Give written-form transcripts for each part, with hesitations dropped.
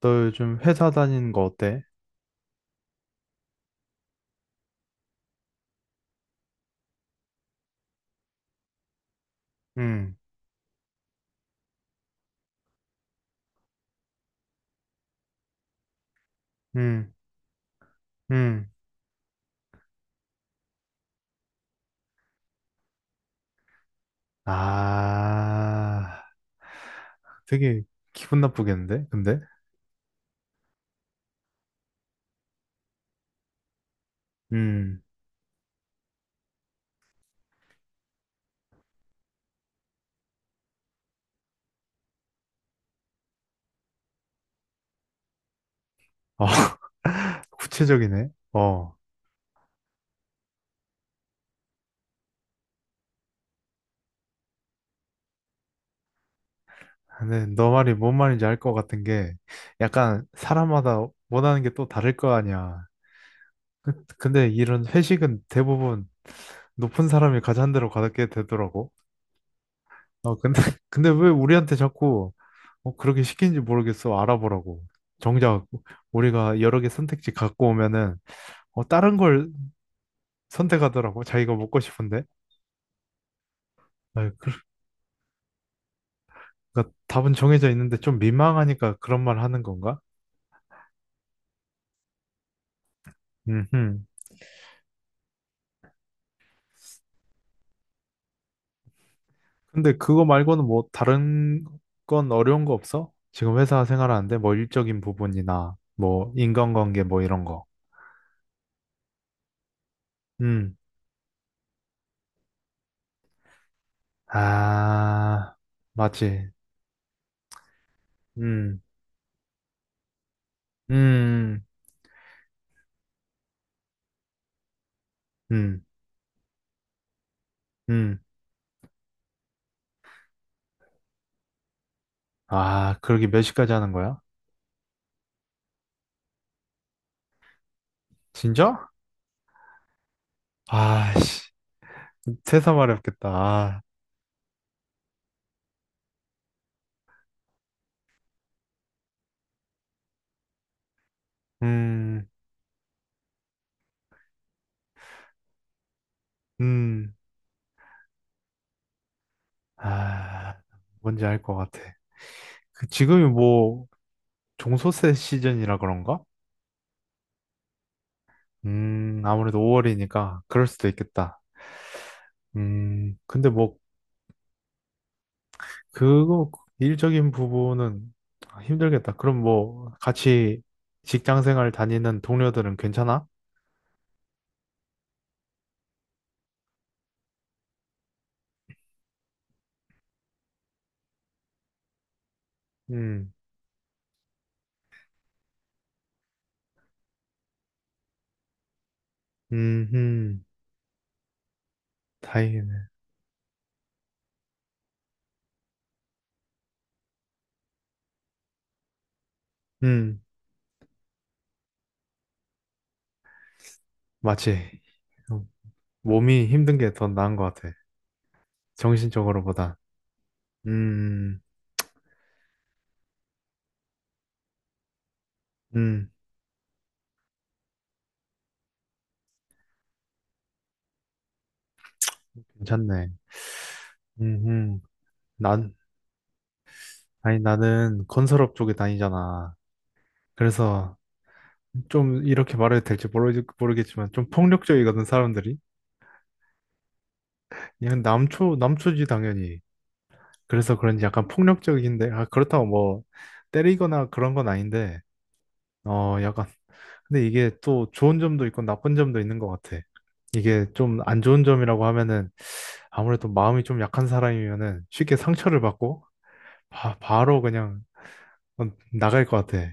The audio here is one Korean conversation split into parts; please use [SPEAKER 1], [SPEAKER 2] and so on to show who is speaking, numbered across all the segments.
[SPEAKER 1] 너 요즘 회사 다니는 거 어때? 응, 응, 응. 아, 되게 기분 나쁘겠는데? 근데? 음, 어, 구체적이네. 근데 너 말이 뭔 말인지 알 것 같은 게 약간 사람마다 원하는 게 또 다를 거 아니야. 근데 이런 회식은 대부분 높은 사람이 가잔 대로 가게 되더라고. 어, 근데, 근데 왜 우리한테 자꾸 그렇게 시킨지 모르겠어. 알아보라고. 정작 우리가 여러 개 선택지 갖고 오면은 다른 걸 선택하더라고. 자기가 먹고 싶은데. 아, 그, 러니까 답은 정해져 있는데 좀 민망하니까 그런 말 하는 건가? 음. 근데 그거 말고는 뭐 다른 건 어려운 거 없어? 지금 회사 생활하는데 뭐 일적인 부분이나 뭐 인간관계 뭐 이런 거. 음. 아, 맞지. 음. 음. 음. 음. 아, 그러게 몇 시까지 하는 거야? 진짜? 아씨, 세상 말이 렵겠다 아, 음, 음, 아, 뭔지 알 것 같아. 그 지금이 뭐 종소세 시즌이라 그런가? 아무래도 5월이니까 그럴 수도 있겠다. 근데 뭐 그거 일적인 부분은 힘들겠다. 그럼 뭐 같이 직장 생활 다니는 동료들은 괜찮아? 음, 음, 음, 다행이네. 음, 맞지. 몸이 힘든 게 더 나은 것 같아. 정신적으로보다. 음, 음, 괜찮네. 음, 음. 난, 아니, 나는 건설업 쪽에 다니잖아. 그래서 좀 이렇게 말해도 될지 모르겠지만 좀 폭력적이거든, 사람들이. 그냥 남초, 남초지, 당연히. 그래서 그런지 약간 폭력적인데, 아, 그렇다고 뭐 때리거나 그런 건 아닌데, 약간. 근데 이게 또 좋은 점도 있고 나쁜 점도 있는 것 같아. 이게 좀 안 좋은 점이라고 하면은 아무래도 마음이 좀 약한 사람이면은 쉽게 상처를 받고 아, 바로 그냥 어, 나갈 것 같아.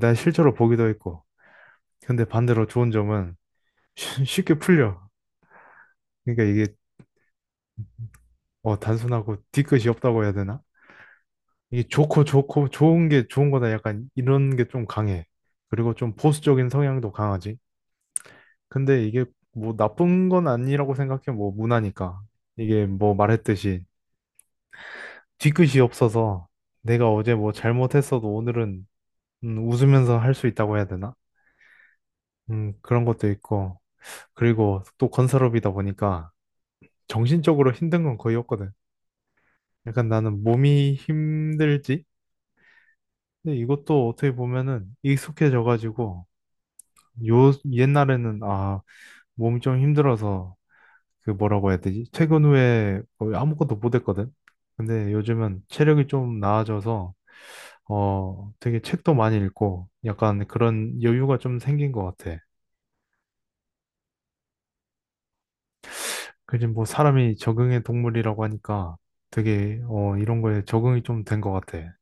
[SPEAKER 1] 나 실제로 보기도 했고. 근데 반대로 좋은 점은 쉽게 풀려. 그러니까 이게 단순하고 뒤끝이 없다고 해야 되나? 이게 좋고 좋고 좋은 게 좋은 거다 약간 이런 게 좀 강해. 그리고 좀 보수적인 성향도 강하지. 근데 이게 뭐 나쁜 건 아니라고 생각해. 뭐 문화니까. 이게 뭐 말했듯이 뒤끝이 없어서 내가 어제 뭐 잘못했어도 오늘은 웃으면서 할 수 있다고 해야 되나? 그런 것도 있고. 그리고 또 건설업이다 보니까 정신적으로 힘든 건 거의 없거든. 약간 나는 몸이 힘들지? 근데 이것도 어떻게 보면은 익숙해져가지고 요 옛날에는 몸이 좀 힘들어서 그 뭐라고 해야 되지? 퇴근 후에 거의 아무것도 못했거든. 근데 요즘은 체력이 좀 나아져서 되게 책도 많이 읽고 약간 그런 여유가 좀 생긴 것 같아. 그지 뭐 사람이 적응의 동물이라고 하니까 되게 이런 거에 적응이 좀 된 것 같아.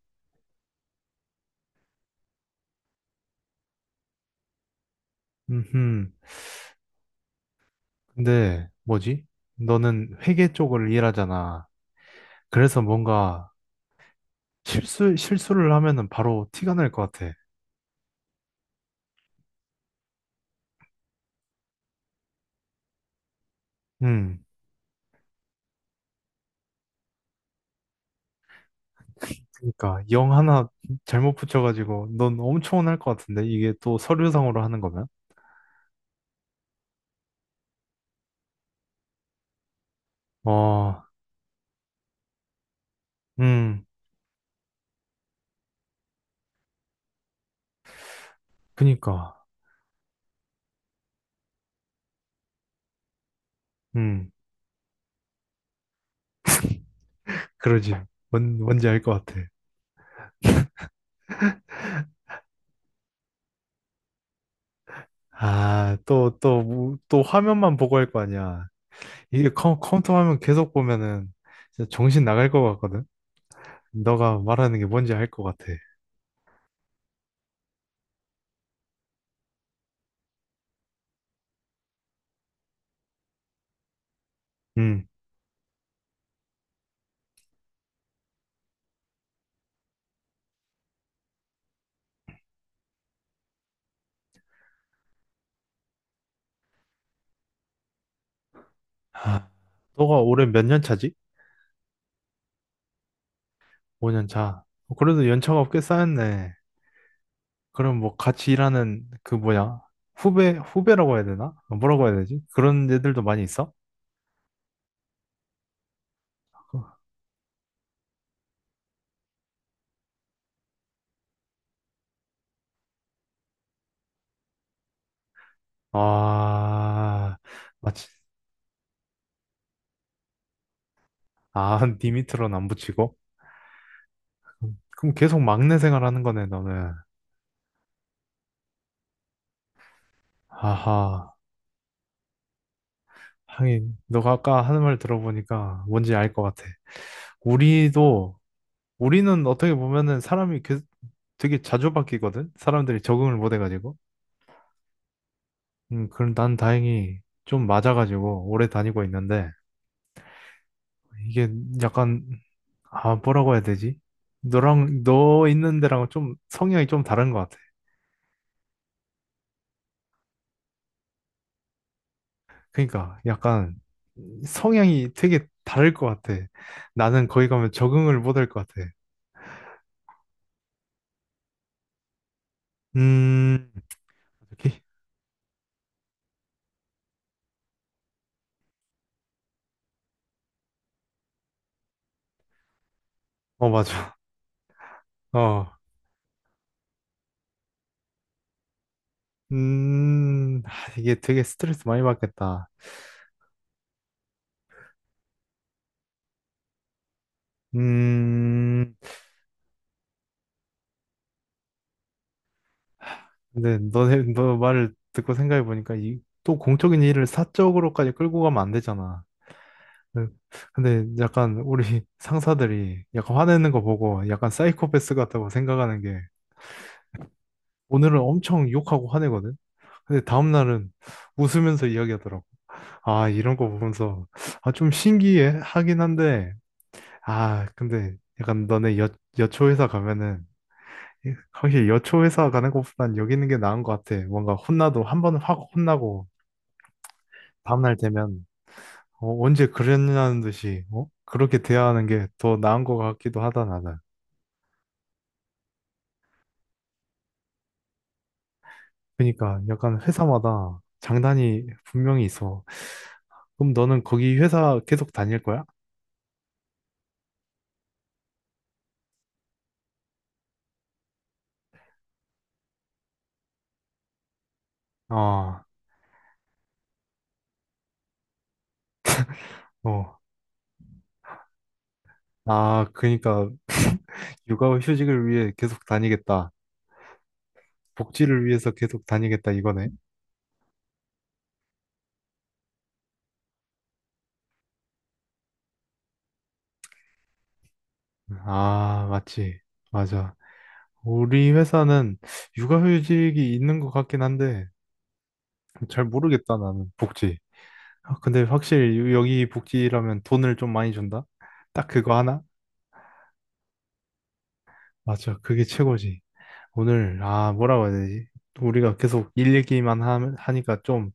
[SPEAKER 1] 음, 근데 뭐지? 너는 회계 쪽을 일하잖아. 그래서 뭔가 실수를 하면은 바로 티가 날 것 같아. 음, 그러니까 영 하나 잘못 붙여가지고 넌 엄청 혼날 것 같은데 이게 또 서류상으로 하는 거면? 어, 음, 그니까, 음, 그러지. 뭔 뭔지 알 것 같아. 아, 또, 또, 뭐, 또 화면만 보고 할 거 아니야. 이게 컴퓨터 화면 계속 보면은 진짜 정신 나갈 것 같거든. 너가 말하는 게 뭔지 알 것 같아. 음. 하, 너가 올해 몇 년 차지? 5년 차. 어, 그래도 연차가 꽤 쌓였네. 그럼 뭐 같이 일하는 그 뭐냐? 후배, 후배라고 해야 되나? 어, 뭐라고 해야 되지? 그런 애들도 많이 있어? 아, 마치, 아, 니 밑으로는 안 붙이고? 그럼 그럼 계속 막내 생활하는 거네, 너는. 아하, 하긴, 너가 아까 하는 말 들어보니까 뭔지 알 것 같아. 우리도, 우리는 어떻게 보면은 사람이 되게 자주 바뀌거든? 사람들이 적응을 못 해가지고. 그럼 난 다행히 좀 맞아가지고 오래 다니고 있는데, 이게 약간, 아, 뭐라고 해야 되지? 너 있는 데랑 좀 성향이 좀 다른 것 같아. 그러니까 약간 성향이 되게 다를 것 같아. 나는 거기 가면 적응을 못할 것 같아. 음, 여기? 어, 맞아. 어, 아, 이게 되게 스트레스 많이 받겠다. 음, 근데 너네 너 말을 듣고 생각해 보니까 이 또 공적인 일을 사적으로까지 끌고 가면 안 되잖아. 네. 근데 약간 우리 상사들이 약간 화내는 거 보고 약간 사이코패스 같다고 생각하는 게 오늘은 엄청 욕하고 화내거든. 근데 다음 날은 웃으면서 이야기하더라고. 아 이런 거 보면서 아 좀 신기해 하긴 한데 아 근데 약간 너네 여 여초 회사 가면은 확실히 여초 회사 가는 것보단 여기 있는 게 나은 것 같아. 뭔가 혼나도 한 번 확 혼나고 다음날 되면 어, 언제 그랬냐는 듯이 어? 그렇게 대하는 게 더 나은 것 같기도 하다 나는. 그러니까 약간 회사마다 장단이 분명히 있어. 그럼 너는 거기 회사 계속 다닐 거야? 아, 어. 아, 그러니까 육아 휴직을 위해 계속 다니겠다. 복지를 위해서 계속 다니겠다 이거네. 아, 맞지. 맞아. 우리 회사는 육아휴직이 있는 것 같긴 한데 잘 모르겠다 나는 복지. 아, 근데 확실히 여기 복지라면 돈을 좀 많이 준다? 딱 그거 하나? 맞아, 그게 최고지. 오늘, 아, 뭐라고 해야 되지? 우리가 계속 일 얘기만 하니까 좀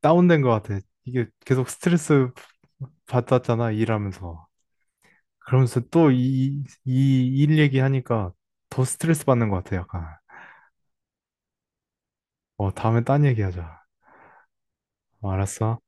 [SPEAKER 1] 다운된 것 같아. 이게 계속 스트레스 받았잖아, 일하면서. 그러면서 또 이 일 얘기하니까 더 스트레스 받는 것 같아, 약간. 어, 다음에 딴 얘기하자. 어, 알았어.